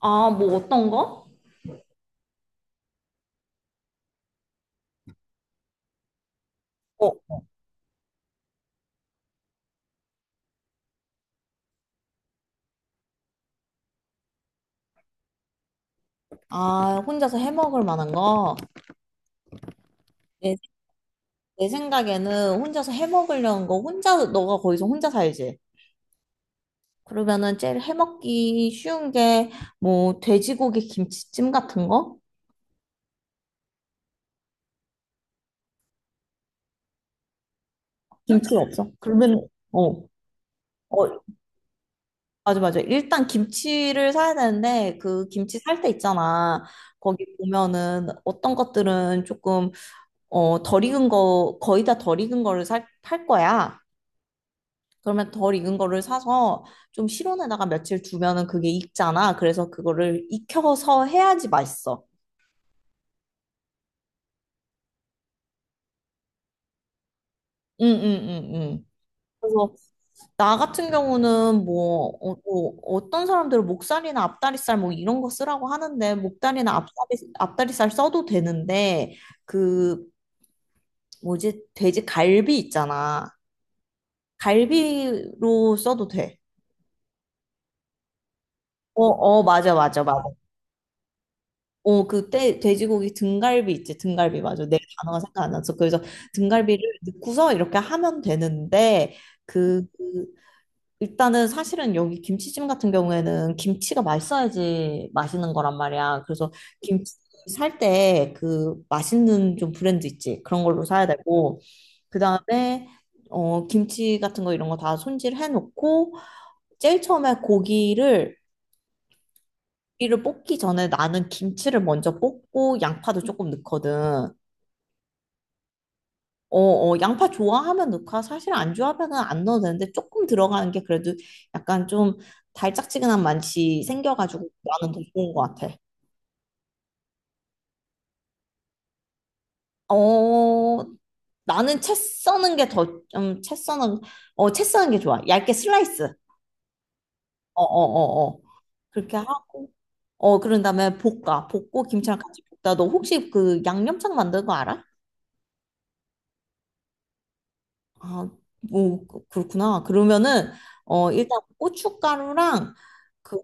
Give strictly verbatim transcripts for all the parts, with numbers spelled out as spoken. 아, 뭐 어떤 거? 어, 아, 혼자서 해 먹을 만한 거? 내, 내 생각에는 혼자서 해 먹으려는 거, 혼자, 너가 거기서 혼자 살지? 그러면은 제일 해 먹기 쉬운 게, 뭐, 돼지고기 김치찜 같은 거? 김치가 없어. 그러면, 어, 어, 맞아, 맞아. 일단 김치를 사야 되는데, 그 김치 살 때 있잖아. 거기 보면은 어떤 것들은 조금, 어, 덜 익은 거, 거의 다 덜 익은 거를 살, 팔 거야. 그러면 덜 익은 거를 사서 좀 실온에다가 며칠 두면은 그게 익잖아. 그래서 그거를 익혀서 해야지 맛있어. 응, 응, 응, 응. 그래서 나 같은 경우는 뭐, 어, 뭐 어떤 사람들은 목살이나 앞다리살 뭐 이런 거 쓰라고 하는데 목다리나 앞다리, 앞다리살 써도 되는데 그 뭐지 돼지 갈비 있잖아. 갈비로 써도 돼. 어, 어, 맞아, 맞아, 맞아. 어, 그때 돼지고기 등갈비 있지, 등갈비 맞아. 내 단어가 생각 안 났어. 그래서 등갈비를 넣고서 이렇게 하면 되는데, 그, 그 일단은 사실은 여기 김치찜 같은 경우에는 김치가 맛있어야지 맛있는 거란 말이야. 그래서 김치 살 때 그 맛있는 좀 브랜드 있지. 그런 걸로 사야 되고, 그 다음에, 어, 김치 같은 거 이런 거 다 손질해 놓고, 제일 처음에 고기를 고기를 볶기 전에 나는 김치를 먼저 볶고 양파도 조금 넣거든. 어, 어, 양파 좋아하면 넣고 아, 사실 안 좋아하면은 안 넣어도 되는데 조금 들어가는 게 그래도 약간 좀 달짝지근한 맛이 생겨가지고 나는 더 좋은 것 같아. 어, 나는 채 써는 게 더, 음, 채 써는, 어, 채 써는 게 좋아. 얇게 슬라이스. 어, 어, 어, 어. 그렇게 하고, 어, 그런 다음에 볶아. 볶고 김치랑 같이 볶다. 너 혹시 그 양념장 만드는 거 알아? 아, 뭐 그- 그렇구나. 그러면은 어 일단 고춧가루랑 그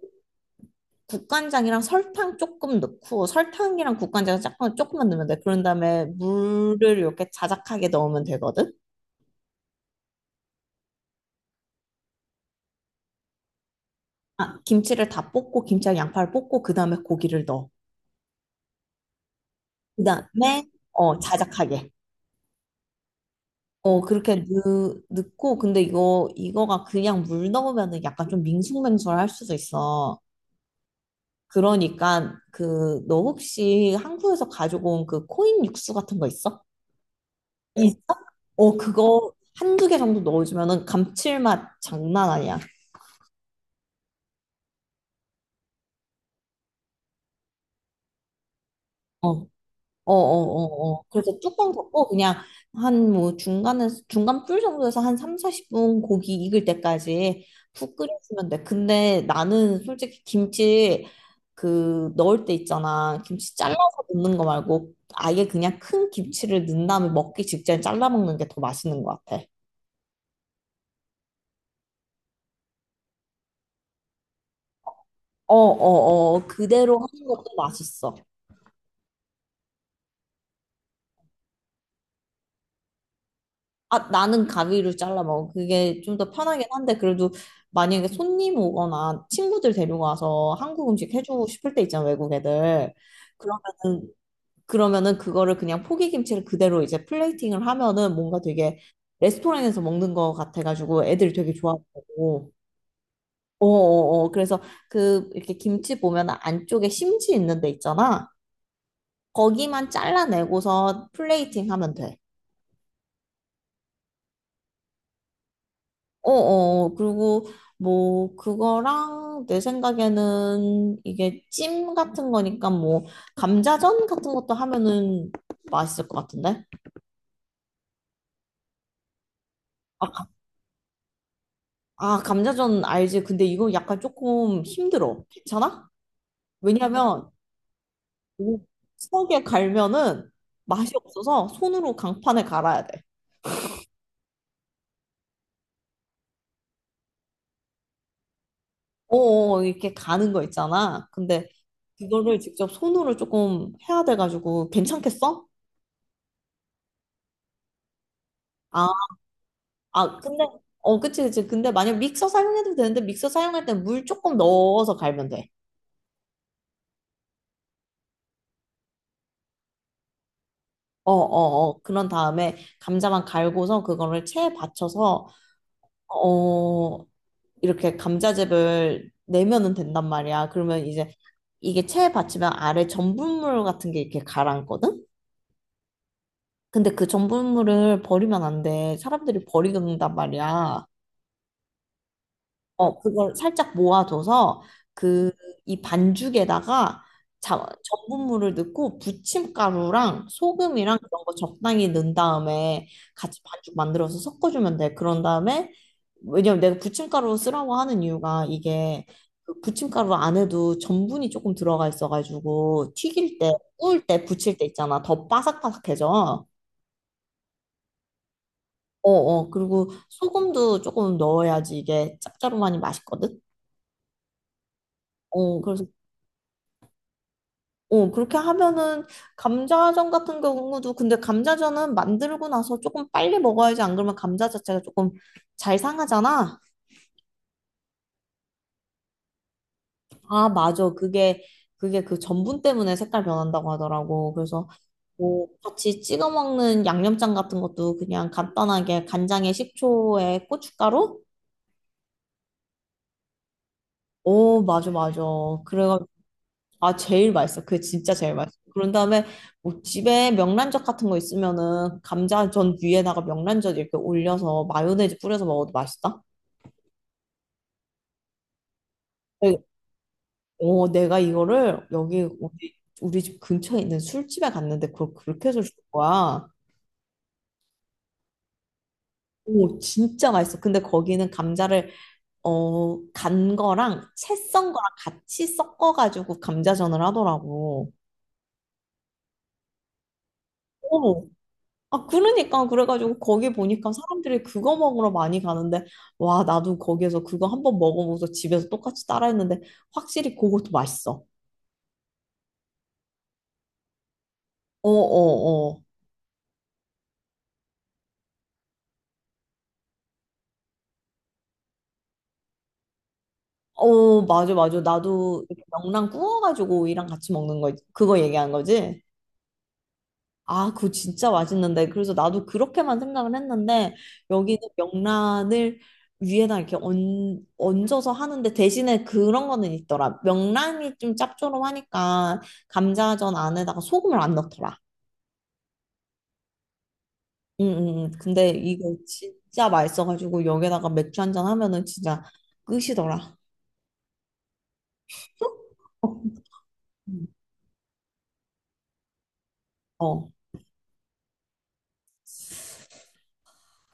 국간장이랑 설탕 조금 넣고 설탕이랑 국간장 조금 조금만 넣으면 돼. 그런 다음에 물을 이렇게 자작하게 넣으면 되거든. 아, 김치를 다 볶고 김치랑 양파를 볶고 그다음에 고기를 넣어. 그다음에 어 자작하게. 어 그렇게 넣, 넣고 근데 이거 이거가 그냥 물 넣으면은 약간 좀 밍숭맹숭할 수도 있어. 그러니까 그 너 혹시 한국에서 가지고 온 그 코인 육수 같은 거 있어? 있어? 어 그거 한 두 개 정도 넣어주면은 감칠맛 장난 아니야. 어 어어어어. 그래서 뚜껑 덮고 그냥 한 뭐 중간에 중간 불 정도에서 한 삼, 사십 분 고기 익을 때까지 푹 끓여주면 돼. 근데 나는 솔직히 김치 그 넣을 때 있잖아. 김치 잘라서 넣는 거 말고 아예 그냥 큰 김치를 넣은 다음에 먹기 직전에 잘라 먹는 게 더 맛있는 것 같아. 어어어. 그대로 하는 것도 맛있어. 아, 나는 가위로 잘라 먹어. 그게 좀 더 편하긴 한데, 그래도 만약에 손님 오거나 친구들 데려가서 한국 음식 해주고 싶을 때 있잖아, 외국 애들. 그러면은, 그러면은 그거를 그냥 포기김치를 그대로 이제 플레이팅을 하면은 뭔가 되게 레스토랑에서 먹는 거 같아가지고 애들이 되게 좋아하고. 어어어. 그래서 그 이렇게 김치 보면 안쪽에 심지 있는 데 있잖아. 거기만 잘라내고서 플레이팅 하면 돼. 어어, 그리고 뭐, 그거랑 내 생각에는 이게 찜 같은 거니까 뭐, 감자전 같은 것도 하면은 맛있을 것 같은데? 아, 가- 아, 감자전 알지? 근데 이거 약간 조금 힘들어. 괜찮아? 왜냐면 이거 석에 갈면은 맛이 없어서 손으로 강판에 갈아야 돼. 어어, 이렇게 가는 거 있잖아. 근데 그거를 직접 손으로 조금 해야 돼가지고 괜찮겠어? 아, 아, 근데, 어, 그치, 그치. 근데 만약 믹서 사용해도 되는데, 믹서 사용할 때 물 조금 넣어서 갈면 돼. 어, 어, 어. 그런 다음에 감자만 갈고서 그거를 체에 받쳐서, 어, 이렇게 감자즙을 내면은 된단 말이야. 그러면 이제 이게 체에 받치면 아래 전분물 같은 게 이렇게 가라앉거든? 근데 그 전분물을 버리면 안 돼. 사람들이 버리는단 말이야. 어, 그걸 살짝 모아줘서 그 이 반죽에다가 자, 전분물을 넣고 부침가루랑 소금이랑 그런 거 적당히 넣은 다음에 같이 반죽 만들어서 섞어주면 돼. 그런 다음에 왜냐면 내가 부침가루 쓰라고 하는 이유가 이게 그 부침가루 안에도 전분이 조금 들어가 있어가지고 튀길 때, 구울 때, 부칠 때 있잖아. 더 바삭바삭해져. 어어. 그리고 소금도 조금 넣어야지 이게 짭짤하니 맛있거든. 어, 그래서 어, 그렇게 하면은 감자전 같은 경우도 근데 감자전은 만들고 나서 조금 빨리 먹어야지 안 그러면 감자 자체가 조금 잘 상하잖아. 아, 맞아. 그게 그게 그 전분 때문에 색깔 변한다고 하더라고. 그래서 뭐 같이 찍어 먹는 양념장 같은 것도 그냥 간단하게 간장에 식초에 고춧가루? 오, 맞아, 맞아. 그래 아, 제일 맛있어. 그게 진짜 제일 맛있어. 그런 다음에 뭐 집에 명란젓 같은 거 있으면은 감자전 위에다가 명란젓 이렇게 올려서 마요네즈 뿌려서 먹어도 맛있다. 네. 어, 내가 이거를 여기 우리, 우리 집 근처에 있는 술집에 갔는데 그걸 그렇게 해서 준 거야. 오, 진짜 맛있어. 근데 거기는 감자를 어, 간 거랑 채 썬 거랑 같이 섞어가지고 감자전을 하더라고. 어, 아, 그러니까 그래가지고 거기 보니까 사람들이 그거 먹으러 많이 가는데 와, 나도 거기에서 그거 한 번 먹어보고서 집에서 똑같이 따라했는데 확실히 그것도 맛있어. 어, 어, 어. 어, 맞아, 맞아. 나도 이렇게 명란 구워가지고 오이랑 같이 먹는 거, 그거 얘기한 거지? 아, 그거 진짜 맛있는데. 그래서 나도 그렇게만 생각을 했는데, 여기는 명란을 위에다 이렇게 얹, 얹어서 하는데, 대신에 그런 거는 있더라. 명란이 좀 짭조름하니까, 감자전 안에다가 소금을 안 넣더라. 응, 응, 응. 근데 이거 진짜 맛있어가지고, 여기다가 맥주 한 잔 하면은 진짜 끝이더라. 음. 어.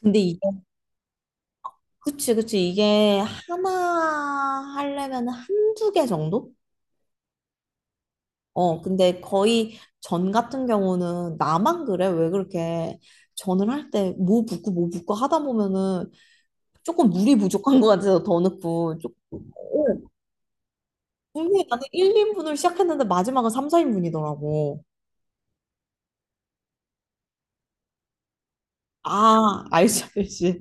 근데 이게, 그치, 그치. 이게 하나 하려면 한두 개 정도? 어, 근데 거의 전 같은 경우는 나만 그래? 왜 그렇게 전을 할 때 뭐 붓고 뭐 붓고 하다 보면은 조금 물이 부족한 것 같아서 더 넣고 조금 어, 분명히 나는 일, 인분을 시작했는데 마지막은 삼, 사 인분이더라고. 아, 알지, 알지.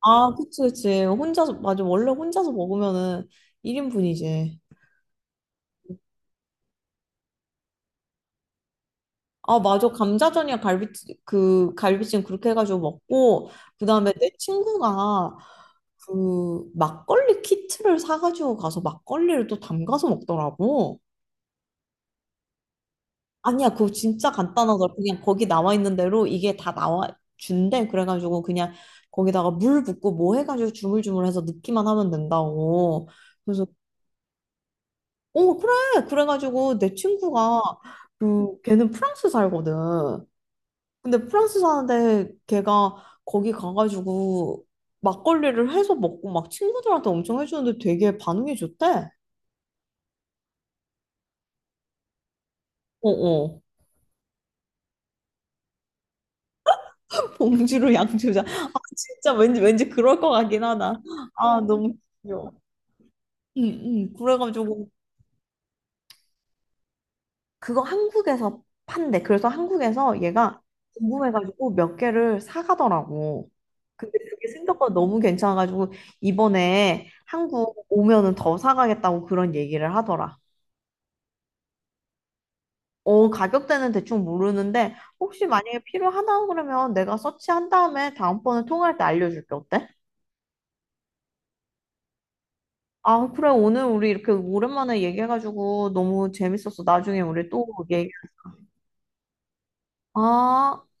아, 그치, 그치. 혼자서, 맞아. 원래 혼자서 먹으면은 일 인분이지. 아, 맞아. 감자전이랑 갈비, 그, 갈비찜 그렇게 해가지고 먹고, 그 다음에 내 친구가 그 막걸리 키트를 사가지고 가서 막걸리를 또 담가서 먹더라고. 아니야, 그거 진짜 간단하더라. 그냥 거기 나와 있는 대로 이게 다 나와 준대. 그래가지고 그냥 거기다가 물 붓고 뭐 해가지고 주물주물해서 넣기만 하면 된다고. 그래서, 어, 그래. 그래가지고 내 친구가 그, 걔는 프랑스 살거든. 근데 프랑스 사는데 걔가 거기 가가지고 막걸리를 해서 먹고 막 친구들한테 엄청 해주는데 되게 반응이 좋대. 어어. 봉지로 양주자. 아 진짜 왠지 왠지 그럴 것 같긴 하다. 아 음. 너무 귀여워. 응응. 그래가지고 그거 한국에서 판대. 그래서 한국에서 얘가 궁금해가지고 몇 개를 사가더라고. 근데 그게 생각보다 너무 괜찮아가지고 이번에 한국 오면은 더 사가겠다고 그런 얘기를 하더라. 어, 가격대는 대충 모르는데 혹시 만약에 필요하다 그러면 내가 서치한 다음에 다음번에 통화할 때 알려줄게. 어때? 아, 그래. 오늘 우리 이렇게 오랜만에 얘기해가지고 너무 재밌었어. 나중에 우리 또 얘기. 아.